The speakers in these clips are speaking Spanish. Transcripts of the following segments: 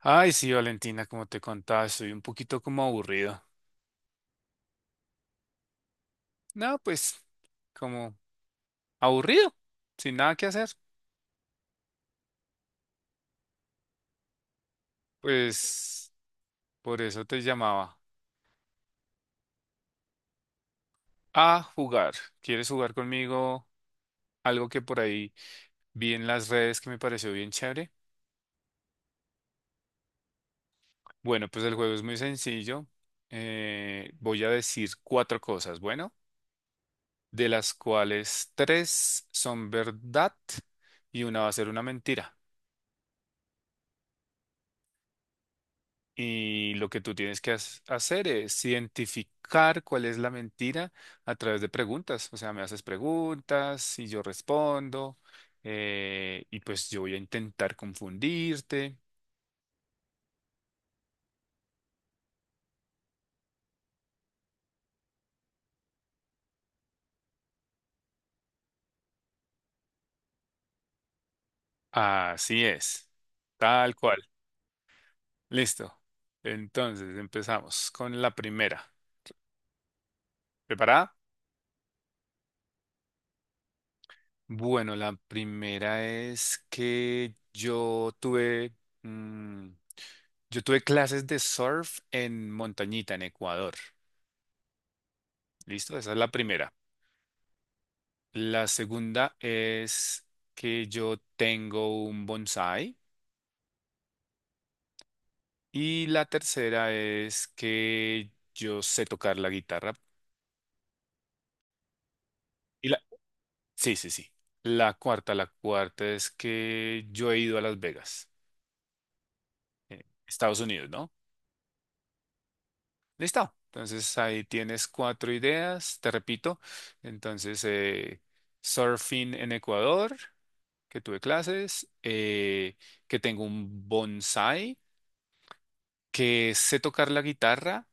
Ay, sí, Valentina, como te contaba, estoy un poquito como aburrido. No, pues, como aburrido, sin nada que hacer. Pues, por eso te llamaba a jugar. ¿Quieres jugar conmigo? Algo que por ahí vi en las redes que me pareció bien chévere. Bueno, pues el juego es muy sencillo. Voy a decir cuatro cosas, bueno, de las cuales tres son verdad y una va a ser una mentira. Y lo que tú tienes que hacer es identificar cuál es la mentira a través de preguntas. O sea, me haces preguntas y yo respondo. Y pues yo voy a intentar confundirte. Así es. Tal cual. Listo. Entonces, empezamos con la primera. ¿Preparada? Bueno, la primera es que yo mm, tuve clases de surf en Montañita, en Ecuador. Listo, esa es la primera. La segunda es que yo tengo un bonsai. Y la tercera es que yo sé tocar la guitarra. Y la... Sí, sí, sí. La cuarta es que yo he ido a Las Vegas, Estados Unidos, ¿no? Listo. Entonces ahí tienes cuatro ideas, te repito. Entonces, surfing en Ecuador, que tuve clases, que tengo un bonsai que sé tocar la guitarra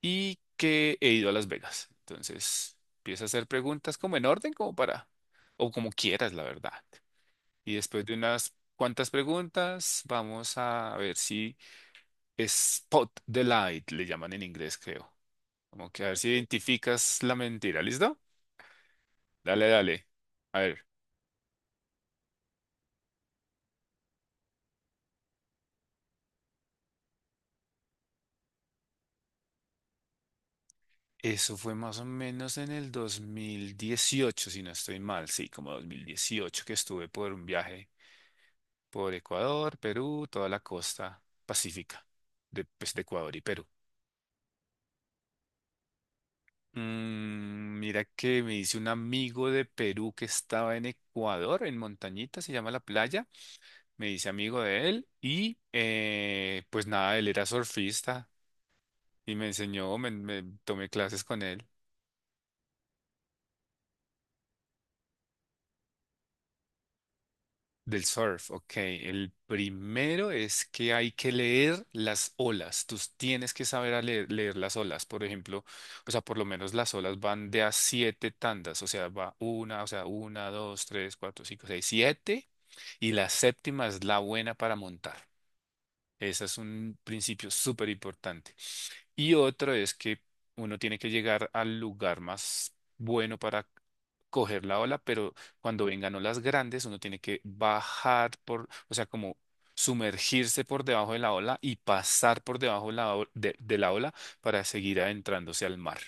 y que he ido a Las Vegas. Entonces, empieza a hacer preguntas como en orden, como para, o como quieras, la verdad. Y después de unas cuantas preguntas, vamos a ver si spot the light, le llaman en inglés, creo. Como que a ver si identificas la mentira, ¿listo? Dale, dale. A ver, eso fue más o menos en el 2018, si no estoy mal, sí, como 2018 que estuve por un viaje por Ecuador, Perú, toda la costa pacífica de, pues, de Ecuador y Perú. Mira que me dice un amigo de Perú que estaba en Ecuador, en Montañita, se llama la playa. Me dice amigo de él y pues nada, él era surfista y me enseñó, me tomé clases con él. Del surf, ok. El primero es que hay que leer las olas. Tú tienes que saber a leer las olas. Por ejemplo, o sea, por lo menos las olas van de a siete tandas. O sea, va una, o sea, una, dos, tres, cuatro, cinco, seis, siete. Y la séptima es la buena para montar. Ese es un principio súper importante. Y otro es que uno tiene que llegar al lugar más bueno para coger la ola, pero cuando vengan olas grandes, uno tiene que bajar por, o sea, como sumergirse por debajo de la ola y pasar por debajo de la ola para seguir adentrándose al mar.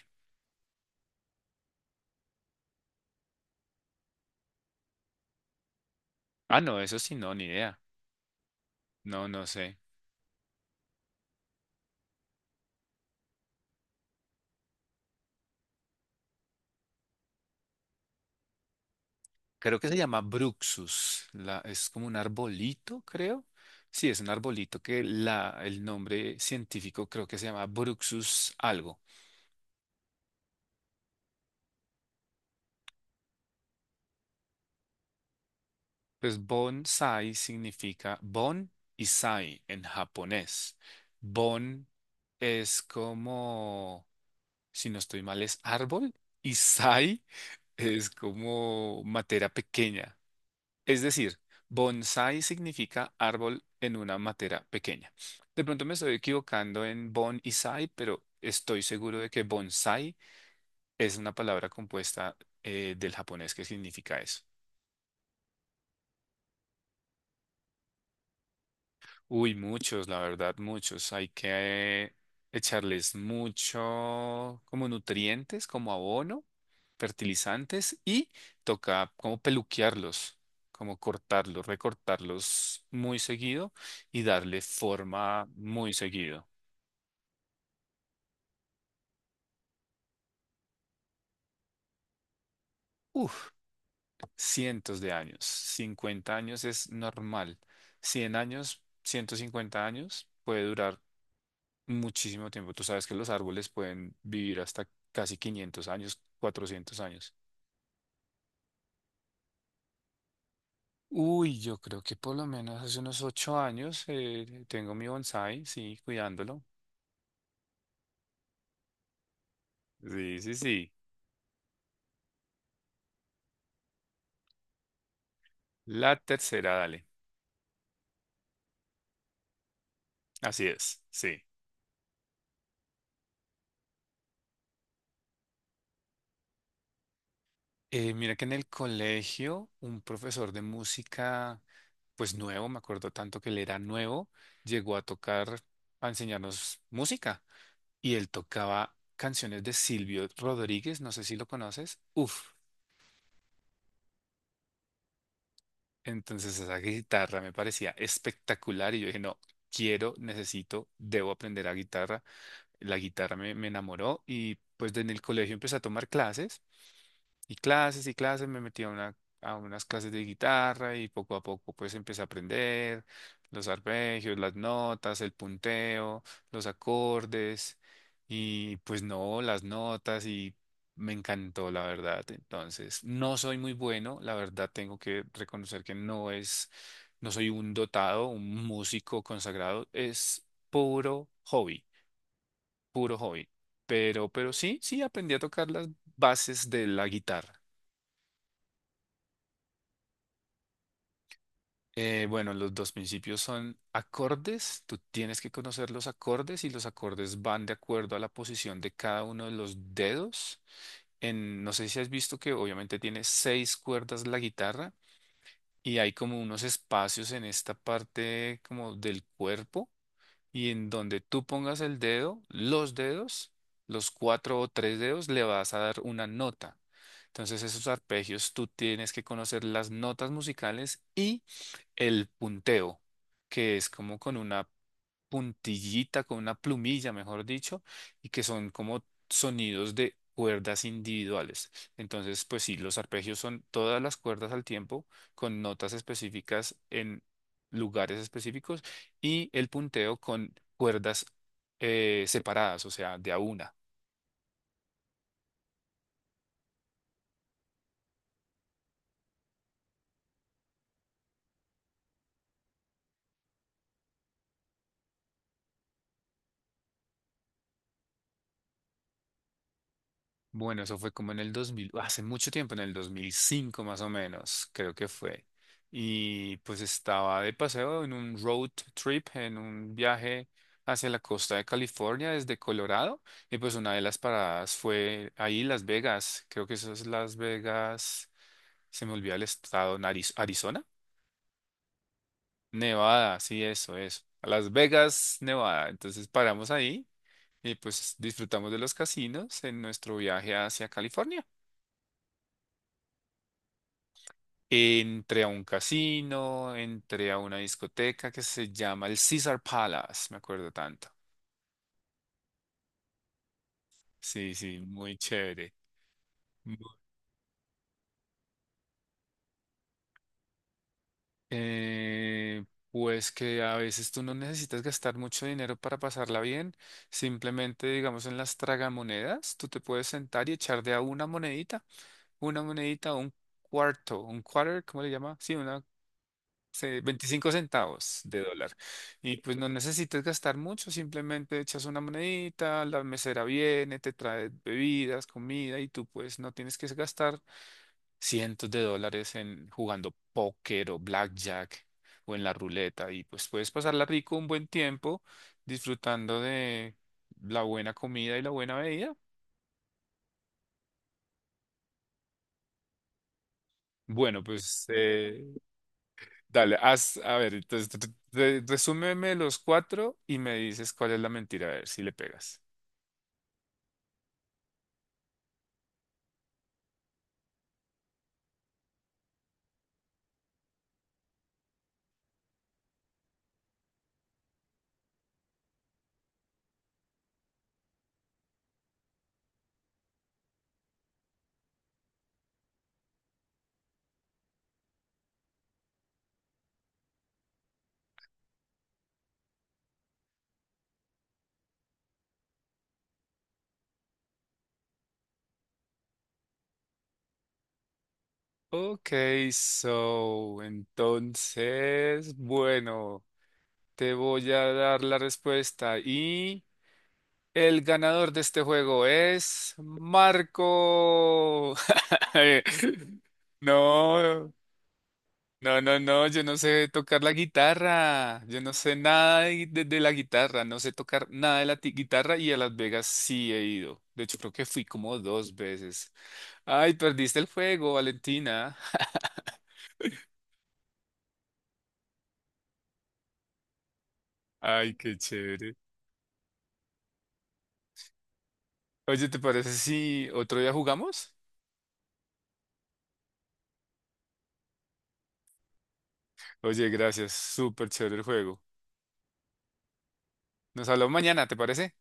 Ah, no, eso sí, no, ni idea. No, no sé. Creo que se llama Bruxus. Es como un arbolito, creo. Sí, es un arbolito que el nombre científico creo que se llama Bruxus algo. Pues bonsai significa bon y sai en japonés. Bon es como, si no estoy mal, es árbol y sai es como materia pequeña. Es decir, bonsai significa árbol en una matera pequeña. De pronto me estoy equivocando en bon y sai, pero estoy seguro de que bonsai es una palabra compuesta del japonés que significa eso. Uy, muchos, la verdad, muchos. Hay que echarles mucho como nutrientes, como abono, fertilizantes y toca como peluquearlos, como cortarlos, recortarlos muy seguido y darle forma muy seguido. Uf, cientos de años. 50 años es normal. 100 años, 150 años puede durar muchísimo tiempo. Tú sabes que los árboles pueden vivir hasta casi 500 años, 400 años. Uy, yo creo que por lo menos hace unos 8 años tengo mi bonsai, sí, cuidándolo. Sí, sí, sí. La tercera, dale. Así es, sí. Mira que en el colegio un profesor de música, pues nuevo, me acuerdo tanto que él era nuevo, llegó a tocar, a enseñarnos música y él tocaba canciones de Silvio Rodríguez, no sé si lo conoces. Uf, entonces esa guitarra me parecía espectacular y yo dije, no, quiero, necesito, debo aprender a guitarra. La guitarra me enamoró y pues en el colegio empecé a tomar clases. Y clases y clases, me metí a unas clases de guitarra y poco a poco pues empecé a aprender los arpegios, las notas, el punteo, los acordes y pues no, las notas y me encantó la verdad. Entonces, no soy muy bueno, la verdad tengo que reconocer que no soy un dotado, un músico consagrado, es puro hobby, puro hobby. Pero sí, sí aprendí a tocar las bases de la guitarra. Bueno, los dos principios son acordes. Tú tienes que conocer los acordes y los acordes van de acuerdo a la posición de cada uno de los dedos. No sé si has visto que obviamente tiene seis cuerdas la guitarra y hay como unos espacios en esta parte como del cuerpo y en donde tú pongas el dedo, los dedos, los cuatro o tres dedos, le vas a dar una nota. Entonces esos arpegios tú tienes que conocer las notas musicales y el punteo, que es como con una puntillita, con una plumilla, mejor dicho, y que son como sonidos de cuerdas individuales. Entonces, pues sí, los arpegios son todas las cuerdas al tiempo, con notas específicas en lugares específicos, y el punteo con cuerdas separadas, o sea, de a una. Bueno, eso fue como en el 2000, hace mucho tiempo, en el 2005 más o menos, creo que fue. Y pues estaba de paseo en un road trip, en un viaje hacia la costa de California desde Colorado. Y pues una de las paradas fue ahí Las Vegas, creo que eso es Las Vegas, se me olvida el estado, Arizona, Nevada, sí, eso, eso. Las Vegas, Nevada. Entonces paramos ahí y pues disfrutamos de los casinos en nuestro viaje hacia California. Entré a un casino, entré a una discoteca que se llama el Caesar Palace, me acuerdo tanto. Sí, sí, muy chévere. Mu- Eh, pues que a veces tú no necesitas gastar mucho dinero para pasarla bien. Simplemente, digamos, en las tragamonedas, tú te puedes sentar y echar de a una monedita, un cuarto, un quarter, ¿cómo le llama? Sí, 25 centavos de dólar. Y pues no necesitas gastar mucho, simplemente echas una monedita, la mesera viene, te trae bebidas, comida y tú pues no tienes que gastar cientos de dólares en jugando póker o blackjack o en la ruleta y pues puedes pasarla rico un buen tiempo disfrutando de la buena comida y la buena bebida. Bueno, pues. Dale, haz, a ver, entonces resúmeme los cuatro y me dices cuál es la mentira, a ver si le pegas. Ok, so, entonces, bueno, te voy a dar la respuesta y el ganador de este juego es Marco. No. No, no, no, yo no sé tocar la guitarra, yo no sé nada de la guitarra, no sé tocar nada de la guitarra y a Las Vegas sí he ido. De hecho, creo que fui como dos veces. Ay, perdiste el juego, Valentina. Ay, qué chévere. Oye, ¿te parece si otro día jugamos? Oye, gracias, súper chévere el juego. Nos hablamos mañana, ¿te parece?